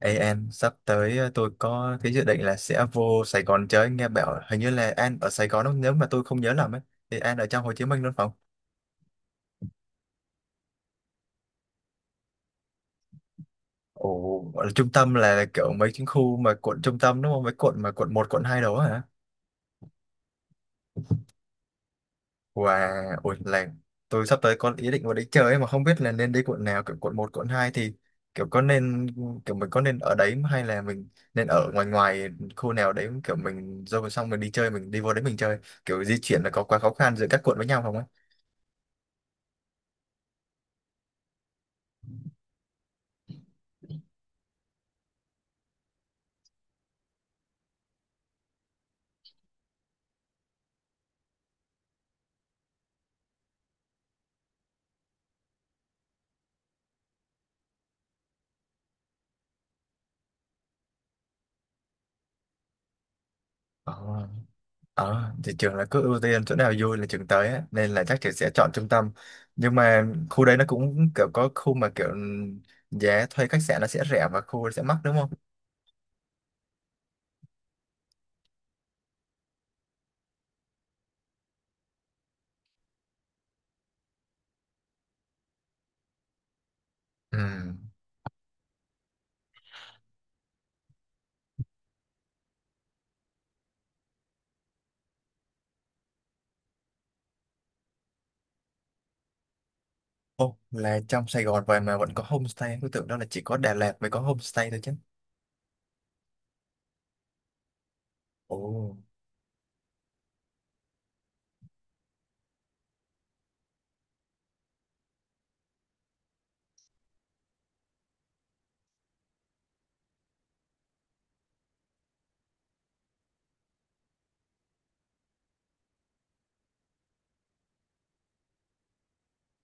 Ê em, sắp tới tôi có cái dự định là sẽ vô Sài Gòn chơi. Nghe bảo hình như là An ở Sài Gòn đúng không? Nếu mà tôi không nhớ lầm ấy, thì An ở trong Hồ Chí Minh đúng không? Ồ, gọi là trung tâm là kiểu mấy cái khu mà quận trung tâm đúng không? Mấy quận mà quận 1, quận 2 đó hả? Wow, ôi là tôi sắp tới có ý định vào đấy chơi ấy, mà không biết là nên đi quận nào. Kiểu quận 1, quận 2 thì kiểu có nên, kiểu mình có nên ở đấy hay là mình nên ở ngoài ngoài khu nào đấy, kiểu mình rồi xong mình đi chơi mình đi vô đấy mình chơi, kiểu di chuyển là có quá khó khăn giữa các quận với nhau không ấy? Ờ, ờ, thì trường là cứ ưu tiên chỗ nào vui là trường tới á, nên là chắc trường sẽ chọn trung tâm. Nhưng mà khu đấy nó cũng kiểu có khu mà kiểu giá thuê khách sạn nó sẽ rẻ và khu sẽ mắc đúng không? Ừ. Ô là trong Sài Gòn vậy mà vẫn có homestay, tôi tưởng đó là chỉ có Đà Lạt mới có homestay thôi chứ. Ồ.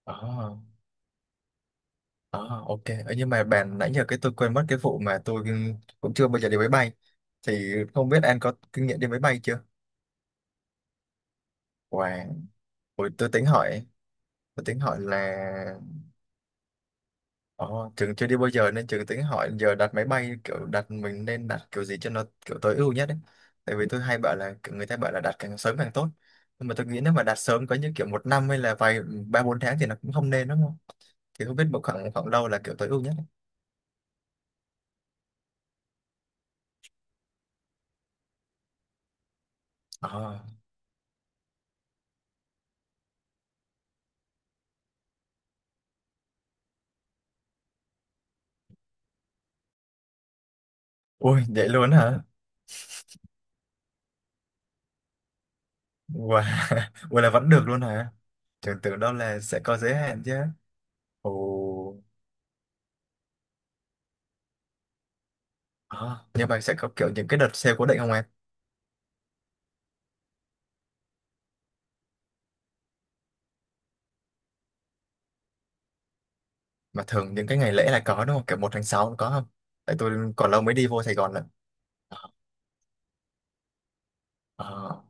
ờ, ờ, ok. Ờ, Nhưng mà bạn nãy giờ cái tôi quên mất cái vụ mà tôi cũng chưa bao giờ đi máy bay. Thì không biết An có kinh nghiệm đi máy bay chưa? Wow. Ôi, tôi tính hỏi là. Ồ, Trường chưa đi bao giờ nên Trường tính hỏi giờ đặt máy bay kiểu đặt mình nên đặt kiểu gì cho nó kiểu tối ưu nhất ấy. Tại vì tôi hay bảo là kiểu người ta bảo là đặt càng sớm càng tốt. Nhưng mà tôi nghĩ nếu mà đặt sớm có những kiểu 1 năm hay là vài ba bốn tháng thì nó cũng không nên đúng không? Thì không biết một khoảng khoảng đâu là kiểu tối ưu nhất ấy. Ờ. Ui vậy luôn hả? Wow. Ui là vẫn được luôn hả? Trường tưởng đâu là sẽ có giới hạn chứ. Ồ. Ờ, Nhưng mà sẽ có kiểu những cái đợt sale cố định không em? Mà thường những cái ngày lễ là có đúng không, kiểu 1 tháng 6 có không, tại tôi còn lâu mới đi vô Sài Gòn lận. ờ,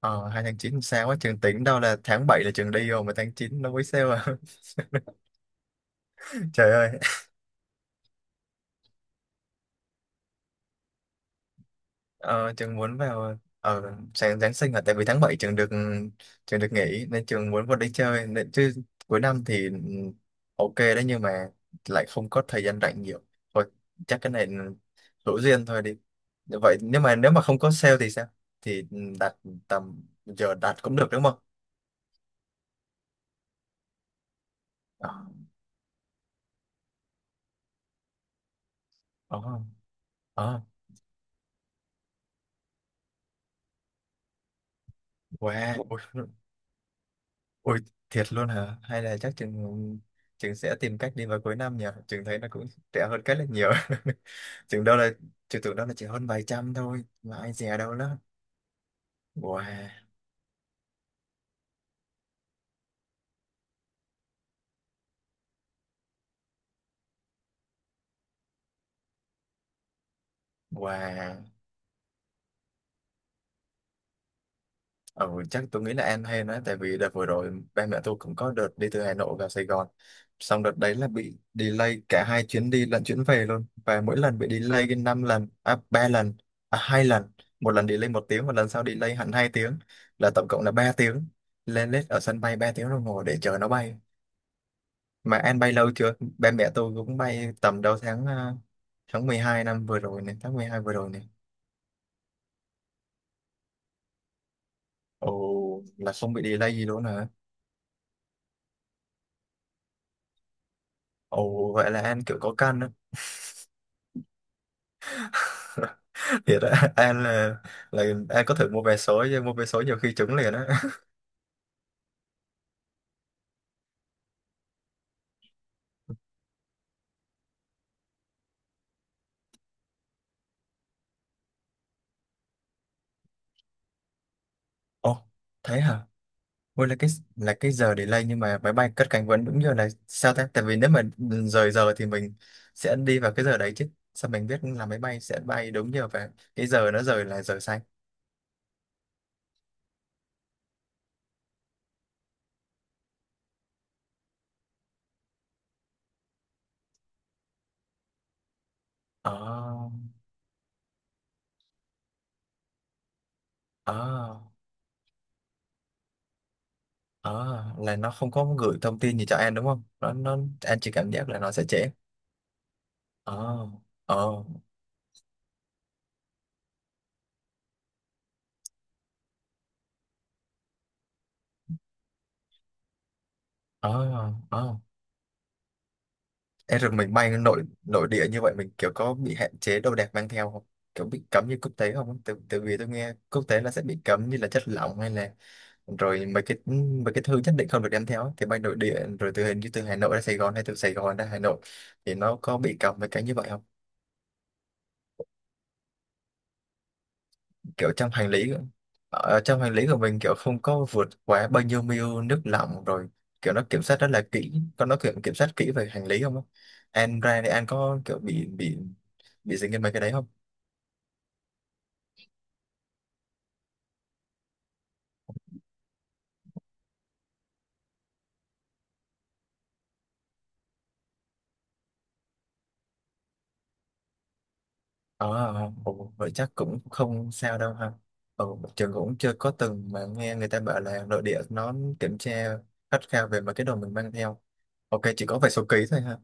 ờ, 2 tháng 9 sao á, trường tính đâu là tháng 7 là trường đi rồi mà tháng 9 nó mới sale à. Trời ơi. Ờ, Trường muốn vào ở sáng Giáng sinh là tại vì tháng 7 trường được nghỉ nên trường muốn vào đi chơi nên chứ cuối năm thì ừ, ok đấy, nhưng mà lại không có thời gian rảnh nhiều thôi. Chắc cái này hữu duyên thôi đi. Vậy nếu mà không có sale thì sao, thì đặt tầm giờ đặt cũng được đúng không? Ờ. Ờ. Ờ. Wow, ui, ui thiệt luôn hả, hay là chắc chừng chừng sẽ tìm cách đi vào cuối năm nhỉ, chừng thấy nó cũng rẻ hơn cái là nhiều. Chừng đâu là chừng tưởng đâu là chỉ hơn vài trăm thôi mà ai dè đâu đó. Wow. Wow. Ừ, chắc tôi nghĩ là An hay nữa, tại vì đợt vừa rồi ba mẹ tôi cũng có đợt đi từ Hà Nội vào Sài Gòn, xong đợt đấy là bị delay cả hai chuyến đi lẫn chuyến về luôn, và mỗi lần bị delay cái 5 lần à 3 lần à 2 lần, 1 lần delay 1 tiếng, 1 lần sau delay hẳn 2 tiếng, là tổng cộng là 3 tiếng, lên lết ở sân bay 3 tiếng đồng hồ để chờ nó bay. Mà An bay lâu chưa, ba mẹ tôi cũng bay tầm đầu tháng à, tháng 12 năm vừa rồi này, tháng 12 vừa rồi này. Ồ, là không bị delay gì luôn hả? Ồ vậy là An kiểu có căn đó. Thiệt á. An là An có thử mua vé số chứ, mua vé số nhiều khi trúng liền á. Ồ, thế hả? Ôi là cái giờ delay nhưng mà máy bay cất cánh vẫn đúng giờ này sao ta, tại vì nếu mà rời giờ thì mình sẽ đi vào cái giờ đấy chứ, sao mình biết là máy bay sẽ bay đúng giờ và cái giờ nó rời là giờ xanh. Ờ. Ờ. Ờ là nó không có gửi thông tin gì cho An đúng không, nó An chỉ cảm giác là nó sẽ trễ. Ờ. Ờ. Ờ. Ờ. Ê, rồi mình bay nội nội địa như vậy mình kiểu có bị hạn chế đồ đạc mang theo không? Kiểu bị cấm như quốc tế không á? Từ từ vì tôi nghe quốc tế là sẽ bị cấm như là chất lỏng, hay là rồi mấy cái thứ nhất định không được đem theo á, thì bay nội địa rồi từ hình như từ Hà Nội ra Sài Gòn hay từ Sài Gòn ra Hà Nội thì nó có bị cấm mấy cái như vậy không? Kiểu trong hành lý, ở trong hành lý của mình kiểu không có vượt quá bao nhiêu ml nước lỏng, rồi kiểu nó kiểm soát rất là kỹ, có nó kiểm kiểm soát kỹ về hành lý không á? An ra thì An có kiểu bị dính đến mấy cái đấy không? Ờ. Ồ vậy chắc cũng không sao đâu ha. Ừ, trường cũng chưa có từng mà nghe người ta bảo là nội địa nó kiểm tra khắt khe về mấy cái đồ mình mang theo. Ok, chỉ có vài số ký thôi ha.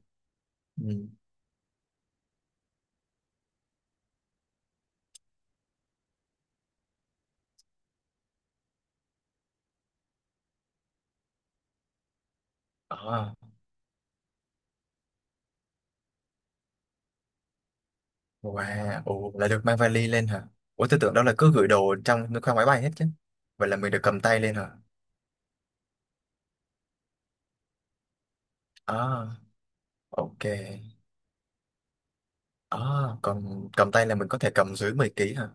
Ừ. Ờ. Wow. Ồ là được mang vali lên hả? Ủa tôi tưởng đó là cứ gửi đồ trong khoang máy bay hết chứ. Vậy là mình được cầm tay lên hả? À, ok. À, còn cầm tay là mình có thể cầm dưới 10 ký hả?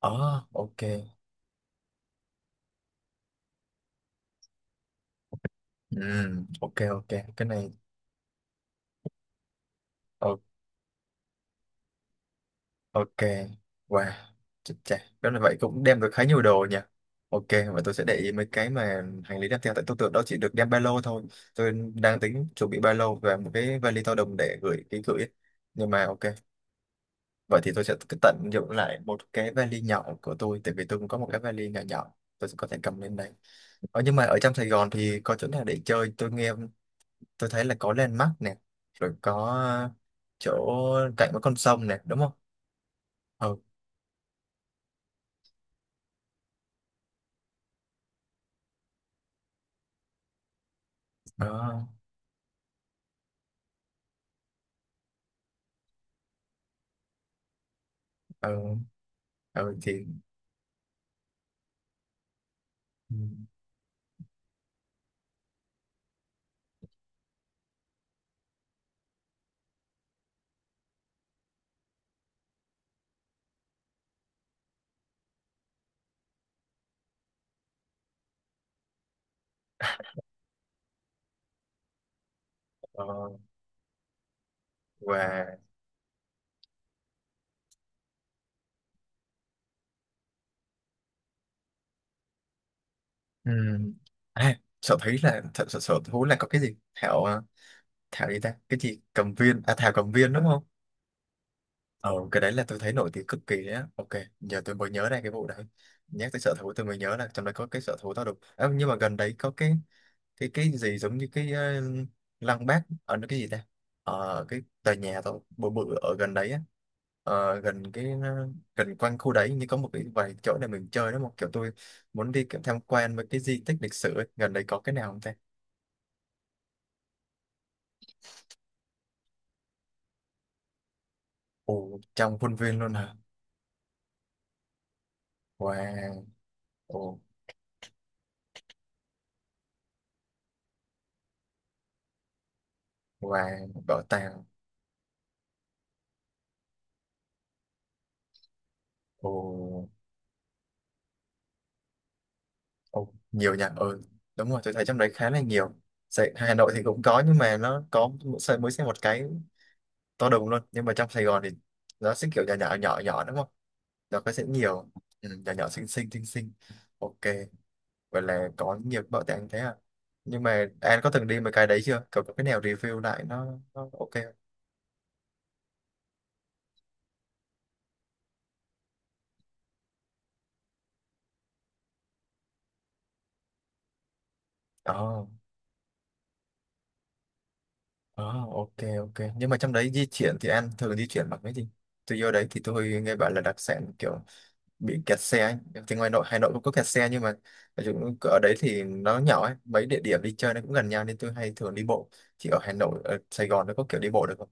À. Ok. Ừ. Ok. Ok. Cái này, ừ. Ok, wow, chết chà, đó là vậy cũng đem được khá nhiều đồ nhỉ. Ok, và tôi sẽ để ý mấy cái mà hành lý đem theo, tại tôi tưởng đó chỉ được đem ba lô thôi. Tôi đang tính chuẩn bị ba lô và một cái vali to đùng để gửi ký gửi ấy. Nhưng mà ok, vậy thì tôi sẽ cứ tận dụng lại một cái vali nhỏ của tôi, tại vì tôi cũng có một cái vali nhỏ nhỏ, tôi sẽ có thể cầm lên đây. Ờ, nhưng mà ở trong Sài Gòn thì có chỗ nào để chơi? Tôi nghe, tôi thấy là có Landmark nè, rồi có chỗ cạnh với con sông nè, đúng không? Ừ. Đó. Ừ. Ừ, thì ừ, ờ, và ừ, à, sợ thấy là thật sự sở thú là có cái gì Thảo, Thảo gì ta, cái gì cầm viên, à Thảo cầm viên đúng không? Ờ, cái đấy là tôi thấy nổi tiếng cực kỳ đấy á. Ok, giờ tôi mới nhớ ra cái vụ đấy. Nhắc tới sở thú tôi mới nhớ là trong đấy có cái sở thú tao đục. À, nhưng mà gần đấy có cái gì giống như cái lăng Bác, ở nó cái gì ta? Ờ, cái tòa nhà tao bự bự ở gần đấy á. Ờ, gần cái gần quanh khu đấy như có một cái vài chỗ để mình chơi đó, một kiểu tôi muốn đi kiểu tham quan với cái di tích lịch sử ấy. Gần đấy có cái nào không ta? Ồ, trong khuôn viên luôn hả? Wow. Ồ. Wow, bảo tàng. Ồ. Ồ, nhiều nhà, ừ, đúng rồi tôi thấy trong đấy khá là nhiều. Sài, Hà Nội thì cũng có, nhưng mà nó có mỗi xây mới xe một cái to đùng luôn, nhưng mà trong Sài Gòn thì nó sẽ kiểu nhà nhỏ nhỏ nhỏ đúng không, nó có sẽ nhiều, ừ, nhà nhỏ xinh xinh xinh xinh. Ok, vậy là có nhiều bảo tàng thế à, nhưng mà An có từng đi mấy cái đấy chưa, cậu có cái nào review lại nó ok không? Ồ, oh, ok, ok, nhưng mà trong đấy di chuyển thì An thường di chuyển bằng cái gì, tôi vô đấy thì tôi nghe bảo là đặc sản kiểu bị kẹt xe ấy. Thì ngoài nội Hà Nội cũng có kẹt xe, nhưng mà ở chỗ- ở đấy thì nó nhỏ ấy, mấy địa điểm đi chơi nó cũng gần nhau nên tôi hay thường đi bộ. Thì ở Hà Nội, ở Sài Gòn nó có kiểu đi bộ được không?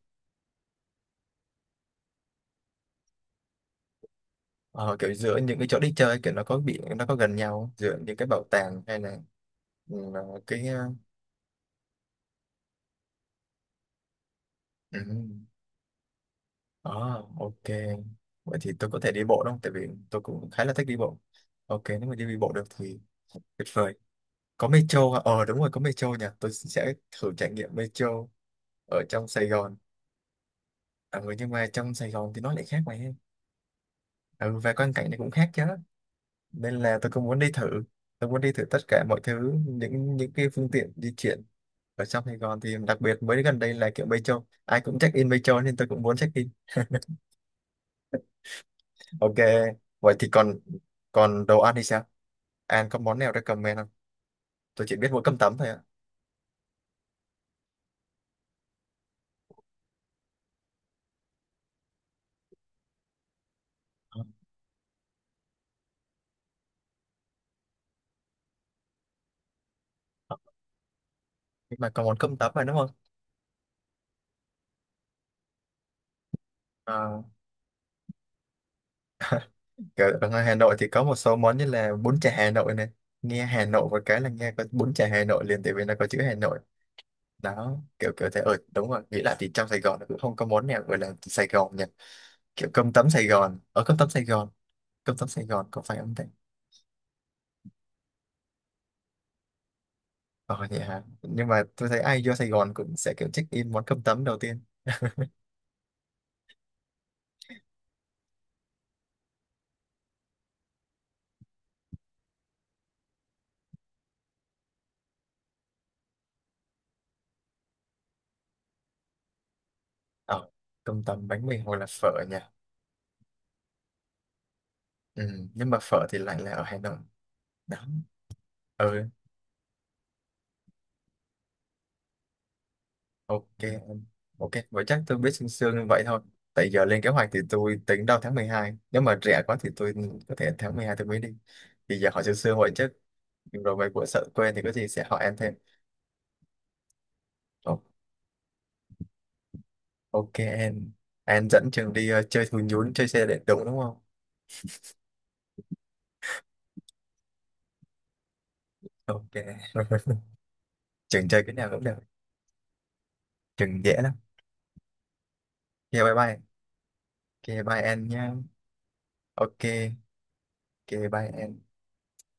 Ờ, kiểu giữa những cái chỗ đi chơi kiểu nó có gần nhau không? Giữa những cái bảo tàng hay là ừ, cái, ừ. ờ, ok, vậy thì tôi có thể đi bộ đúng không, tại vì tôi cũng khá là thích đi bộ. Ok, nếu mà đi bộ được thì tuyệt vời. Có metro hả? Ờ đúng rồi, có metro nhỉ, tôi sẽ thử trải nghiệm metro ở trong Sài Gòn. Ừ, nhưng mà trong Sài Gòn thì nó lại khác mà em. Ừ, và quan cảnh này cũng khác chứ, nên là tôi cũng muốn đi thử. Tôi muốn đi thử tất cả mọi thứ, những cái phương tiện di chuyển ở trong Sài Gòn, thì đặc biệt mới gần đây là kiểu Metro ai cũng check in Metro nên tôi cũng muốn check in. Ok, vậy thì còn còn đồ ăn thì sao, An có món nào recommend không, tôi chỉ biết mỗi cơm tấm thôi ạ. Ờ, nhưng mà có món cơm tấm mà đúng không. Ờ. Kiểu ở ngoài Hà Nội thì có một số món như là bún chả Hà Nội này, nghe Hà Nội một cái là nghe có bún chả Hà Nội liền tại vì nó có chữ Hà Nội đó, kiểu kiểu thế, ở đúng rồi nghĩ lại thì trong Sài Gòn nó cũng không có món nào gọi là Sài Gòn nhỉ, kiểu cơm tấm Sài Gòn, ở cơm tấm Sài Gòn, cơm tấm Sài Gòn có phải không thế. Ờ vậy hả, nhưng mà tôi thấy ai vô Sài Gòn cũng sẽ kiểu check in món cơm tấm đầu tiên. Ờ, cơm tấm bánh mì hoặc là phở nhỉ. Ừ, nhưng mà phở thì lại là ở Hà Nội đó. Ừ, ok em. Ok, vậy chắc tôi biết sương sương như vậy thôi, tại giờ lên kế hoạch thì tôi tính đầu tháng 12, nếu mà rẻ quá thì tôi có thể tháng 12 tôi mới đi, thì giờ hỏi sương sương vậy chứ, rồi về của sợ quên thì có gì sẽ hỏi em thêm. Ồ, ok em. Em dẫn trường đi chơi thú nhún chơi xe điện đúng đúng không. Ok. Trường chơi cái nào cũng được, trường dễ lắm. Ok, bye bye. Ok, bye em nhá. Ok. Ok, bye em.